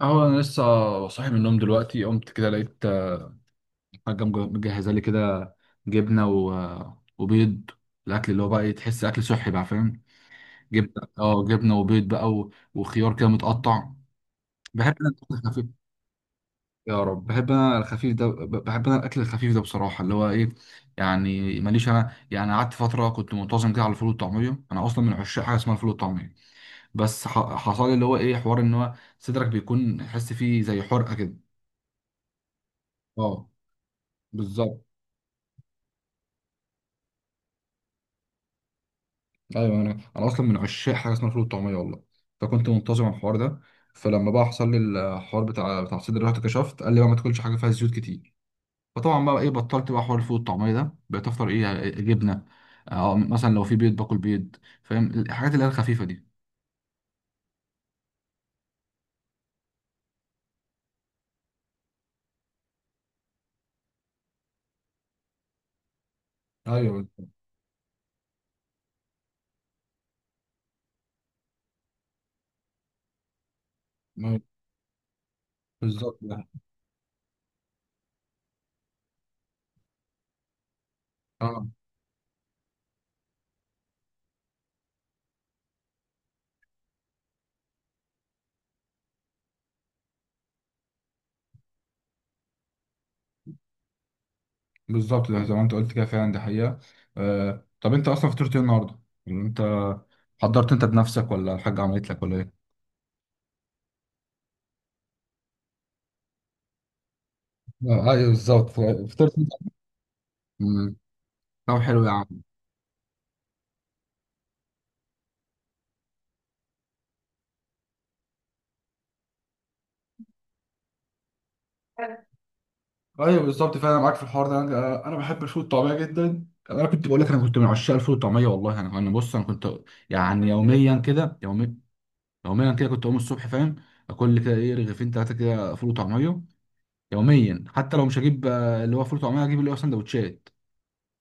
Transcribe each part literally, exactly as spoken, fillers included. اهو انا لسه صاحي من النوم دلوقتي قمت كده لقيت آه، حاجه مج- مجهزه لي كده جبنه و... آه، وبيض الاكل اللي هو بقى إيه، تحس اكل صحي بقى فاهم. جبنه اه جبنه وبيض بقى و... وخيار كده متقطع. بحب انا الاكل الخفيف. يا رب بحب انا الخفيف ده ب- بحب انا الاكل الخفيف ده بصراحه اللي هو ايه. يعني ماليش انا يعني قعدت فتره كنت منتظم كده على الفول والطعميه. انا اصلا من عشاق حاجه اسمها الفول والطعميه بس ح... حصل لي اللي هو ايه حوار ان هو صدرك بيكون حس فيه زي حرقه كده. اه بالظبط. ايوه انا انا اصلا من عشاق حاجه اسمها فول الطعميه والله، فكنت منتظم على الحوار ده. فلما بقى حصل لي الحوار بتاع بتاع الصدر رحت كشفت، قال لي بقى ما تاكلش حاجه فيها زيوت كتير. فطبعا بقى ايه بطلت بقى حوار الفول الطعميه ده، بقيت افطر ايه إيه، جبنه، اه مثلا لو في بيض باكل بيض، فاهم الحاجات اللي هي الخفيفه دي. ايوه ما- بالظبط ده. اه بالظبط ده زي ما انت قلت كده، فعلا دي حقيقه. آه. طب انت اصلا فطرت ايه النهارده؟ يعني انت حضرت انت بنفسك ولا الحاجه عملت لك ولا ايه؟ آه، ايوه بالظبط فطرت. انت طب حلو يا عم. ايوه بالظبط فعلا معاك في الحوار ده. انا أنا بحب الفول والطعميه جدا، انا كنت بقول لك انا كنت من عشاق الفول والطعميه والله. انا انا بص انا كنت يعني يوميا كده يومي، يوميا كده كنت اقوم الصبح، فاهم، اكل كده ايه رغيفين ثلاثه كده فول وطعميه يوميا. حتى لو مش هجيب آه، اللي هو فول وطعميه هجيب اللي هو سندوتشات،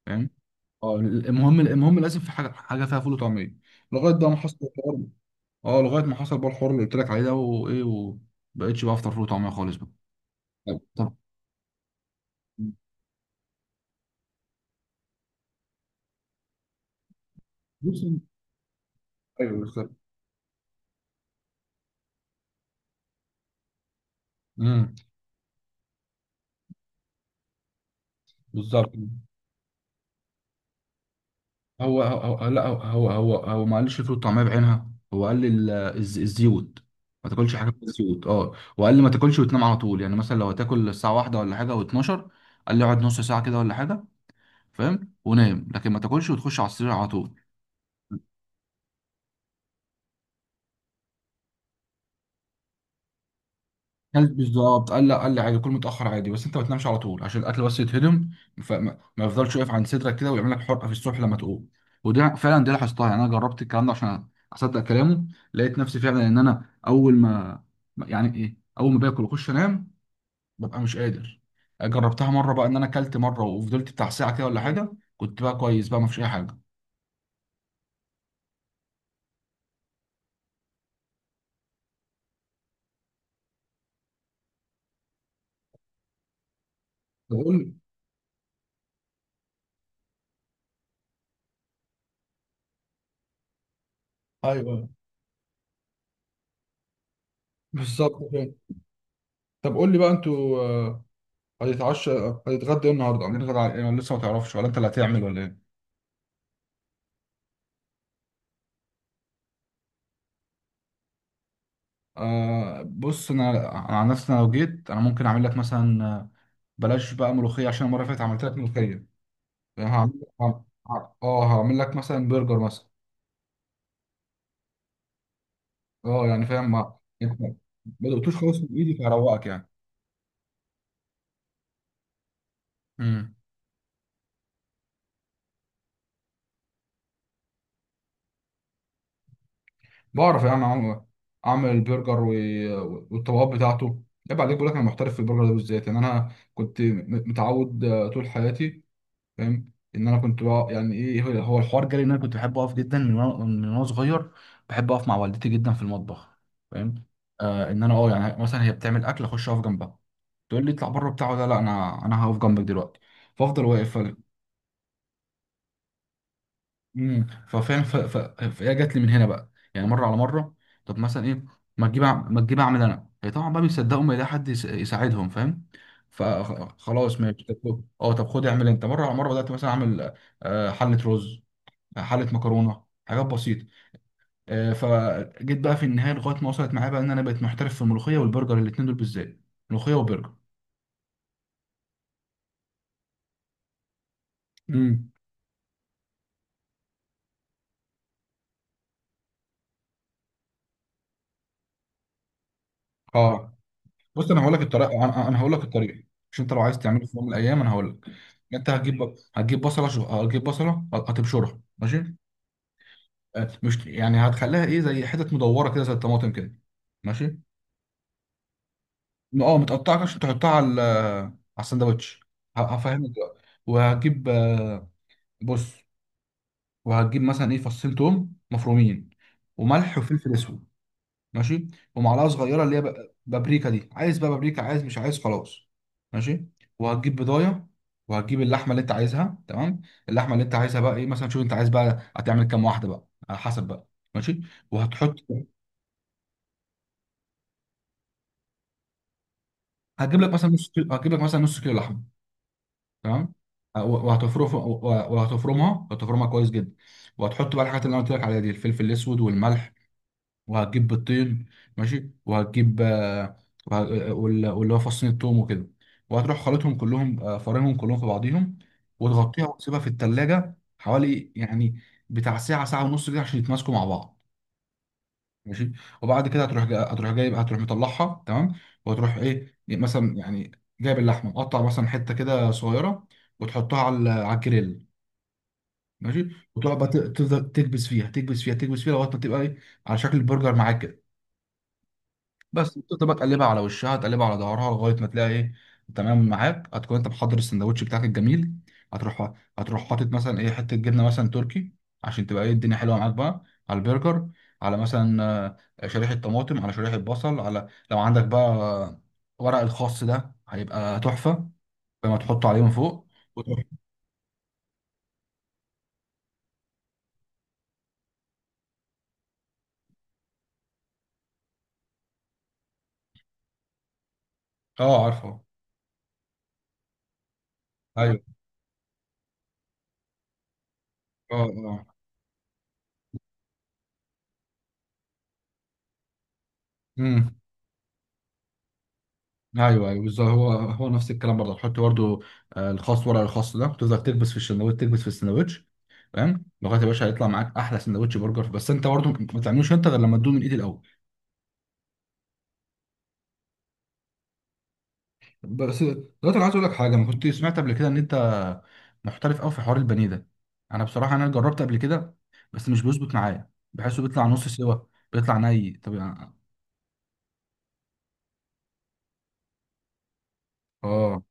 فاهم. اه المهم، المهم لازم في حاجه حاجه فيها فول وطعميه، لغايه بقى ما حصل الحوار. اه لغايه ما حصل بقى الحوار اللي قلت لك عليه ده، وايه، وبقيتش بقى افطر فول وطعميه خالص بقى. طب طب. بص، ايوه بالظبط. امم بالظبط. هو هو هو- لا هو هو هو, هو ما قالش الفول والطعميه بعينها، هو قال لي ال- الز- الزيوت، ما تاكلش حاجه فيها زيوت اه. وقال لي ما تاكلش وتنام على طول، يعني مثلا لو هتاكل الساعه واحدة ولا حاجه او اتناشر، قال لي اقعد نص ساعه كده ولا حاجه، فاهم، ونام، لكن ما تاكلش وتخش على السرير على طول. كلت بالظبط، قال لا، قال لي عادي كل متاخر عادي، بس انت ما تنامش على طول عشان الاكل بس يتهضم، فما ما يفضلش واقف عند صدرك كده ويعمل لك حرقه في الصبح لما تقوم. وده فعلا دي لاحظتها، يعني انا جربت الكلام ده عشان اصدق كلامه، لقيت نفسي فعلا ان انا اول ما يعني ايه اول ما باكل واخش انام ببقى مش قادر. جربتها مره بقى ان انا اكلت مره وفضلت بتاع ساعه كده ولا حاجه، كنت بقى كويس بقى، ما فيش اي حاجه. طب قول لي، ايوه بالظبط كده. طب قول لي بقى، انتوا هيتعشى هيتغدى ايه النهارده؟ عاملين غدا على ايه ولا لسه ما تعرفش ولا انت اللي هتعمل ولا ايه؟ آه بص انا، أنا عن نفسي انا لو جيت انا ممكن اعمل لك مثلا آه، بلاش بقى ملوخيه عشان المره اللي فاتت عملت لك ملوخيه. هعمل ه- ه- اه هعمل لك مثلا برجر مثلا. اه يعني فاهم ما انت ما دقتوش خالص من ايدي فهروقك يعني. امم بعرف يعني اعمل، اعمل البرجر و... والطبقات بتاعته. عيب عليك، بقول لك انا محترف في البرجر ده بالذات. يعني انا كنت م- متعود آه، طول حياتي، فاهم، ان انا كنت بقى يعني ايه هو هو الحوار جالي ان انا كنت بحب اقف جدا من وانا من وانا صغير بحب اقف مع والدتي جدا في المطبخ، فاهم. آه ان انا اه يعني مثلا هي بتعمل اكل اخش اقف جنبها، تقول لي اطلع بره بتاع، ولا لا انا انا هقف جنبك دلوقتي، فافضل واقف. امم ففاهم ف- ف- فهي جات لي من هنا بقى يعني مره على مره. طب مثلا ايه ما تجيب أع- ما تجيب اعمل انا، هي طبعا بقى بيصدقوا ما يلاقي حد يس- يساعدهم، فاهم. فخلاص ماشي طب خد- اه طب خد اعمل انت مره على مره، بدات مثلا اعمل آه، حله رز، حله مكرونه، حاجات بسيطه. آه، فجيت بقى في النهايه لغايه ما وصلت معايا بقى ان انا بقيت محترف في الملوخيه والبرجر، الاتنين دول بالذات، ملوخيه وبرجر. امم اه بص انا هقول لك الطريقه، انا أنا هقول لك الطريقه، مش انت لو عايز تعمله في يوم من الايام انا هقول لك. انت هتجيب هتجيب بصله، شو، هتجيب بصله هتبشرها، ماشي، آه، مش يعني هتخليها ايه زي حتت مدوره كده زي الطماطم كده، ماشي. اه متقطعه عشان تحطها على ال- على الساندوتش. ه- هفهمك دلوقتي، وهتجيب آه، بص، وهتجيب مثلا ايه فصين توم مفرومين وملح وفلفل اسود، ماشي، ومعلقه صغيره اللي هي ب- بابريكا، دي عايز بقى بابريكا عايز مش عايز خلاص، ماشي، وهتجيب بضايه، وهتجيب اللحمه اللي انت عايزها، تمام. اللحمه اللي انت عايزها بقى ايه مثلا، شوف انت عايز بقى هتعمل كام واحده بقى على حسب بقى، ماشي، وهتحط. هتجيب لك مثلا نص كيلو، هتجيب لك مثلا نص كيلو لحمه، تمام. آه، و- وهتفرم، وهتفرمها، هتفرمها كويس جدا، وهتحط بقى الحاجات اللي انا قلت لك عليها دي، الفلفل الاسود والملح، وهتجيب بيضتين، ماشي، وهتجيب آه، وه- آه، وال- واللي هو فصين التوم وكده، وهتروح خلطهم كلهم آه، فرنهم كلهم في بعضيهم، وتغطيها وتسيبها في التلاجة حوالي يعني بتاع ساعة ساعة ونص كده عشان يتماسكوا مع بعض، ماشي. وبعد كده هتروح جا... هتروح جايب، هتروح مطلعها، تمام، وهتروح ايه مثلا يعني جايب اللحمة مقطع مثلا حتة كده صغيرة، وتحطها على ال- على الجريل، ماشي. وتقعد بقى ت- تفضل تكبس فيها تكبس فيها تكبس فيها لغاية ما تبقى ايه على شكل برجر معاك كده، بس تبقى بقى تقلبها على وشها تقلبها على ظهرها لغايه ما تلاقي ايه، تمام معاك. هتكون انت محضر السندوتش بتاعك الجميل، هتروح، هتروح حاطط مثلا ايه حته جبنه مثلا تركي عشان تبقى ايه الدنيا حلوه معاك بقى على البرجر، على مثلا آه، شريحه طماطم، على شريحه بصل، على لو عندك بقى آه، ورق الخاص ده هيبقى تحفه لما تحطه عليه من فوق. وتروح، اه عارفه، ايوه، اه اه، مم. ايوه ايوه بالظبط، هو هو نفس الكلام برضه، تحط برضه آه، الخاص ورق الخاص ده وتفضل تكبس في السندوتش تكبس في السندوتش، فاهم، لغايه يا باشا هيطلع معاك احلى سندوتش برجر. بس انت برضه ما تعملوش انت غير لما تدوق من ايدي الاول. بس دلوقتي انا عايز اقول لك حاجه، انا كنت سمعت قبل كده ان انت محترف قوي في حوار البانيه ده. انا بصراحه انا جربت قبل كده بس مش بيظبط معايا، بحسه بيطلع نص سوا، بيطلع ني طب يعني-. اه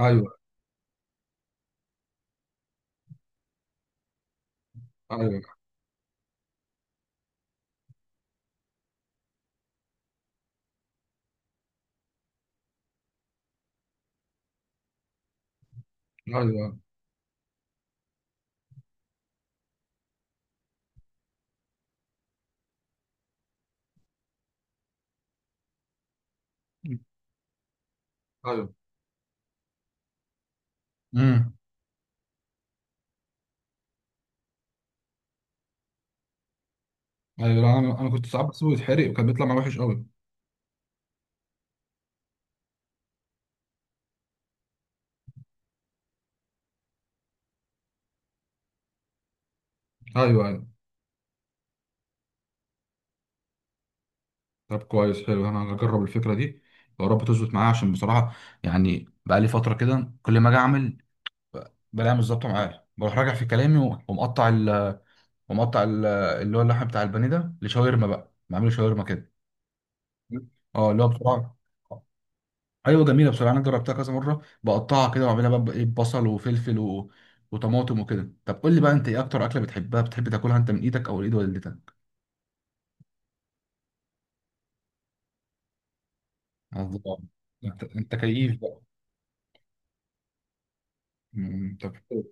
ايوه ايوه ايوه ايوه. امم. ايوه لا، انا انا كنت ساعات بسيبه يتحرق وكان بيطلع معاه وحش قوي. ايوه ايوه. طب كويس حلو، انا هجرب الفكره دي، يا رب تظبط معايا عشان بصراحه يعني بقى لي فتره كده كل ما اجي اعمل ب- بلاقيها مش ظابطه معايا، بروح راجع في كلامي و- ومقطع ال... ومقطع ال... اللي هو اللحم بتاع البانيه ده لشاورما بقى، بعمله شاورما كده. اه اللي هو بصراحه، ايوه جميله بصراحه انا جربتها كذا مره، بقطعها كده واعملها بقى ايه بصل وفلفل و... وطماطم وكده. طب قول لي بقى انت ايه اكتر اكله بتحبها بتحب تاكلها انت من ايدك او ايد والدتك؟ الله. انت انت كيف بقى. مم، طب حلو.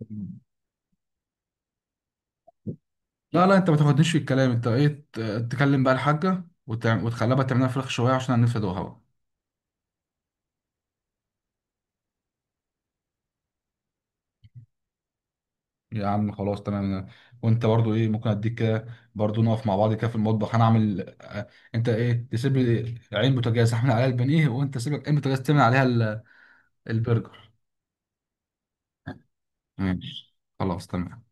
لا لا انت ما تاخدنيش في الكلام، انت ايه ت- تكلم بقى الحاجه وتع- وتخليها بقى تعملها فراخ شويه عشان انا نفسي ادوقها بقى. يا عم خلاص تمام، وانت برضو ايه ممكن اديك كده برضو نقف مع بعض كده في المطبخ، انا اعمل اه، انت ايه تسيب لي عين بوتاجاز اعمل عليها البانيه، وانت سيب لك عين بوتاجاز تعمل عليها ال- البرجر. ماشي خلاص تمام.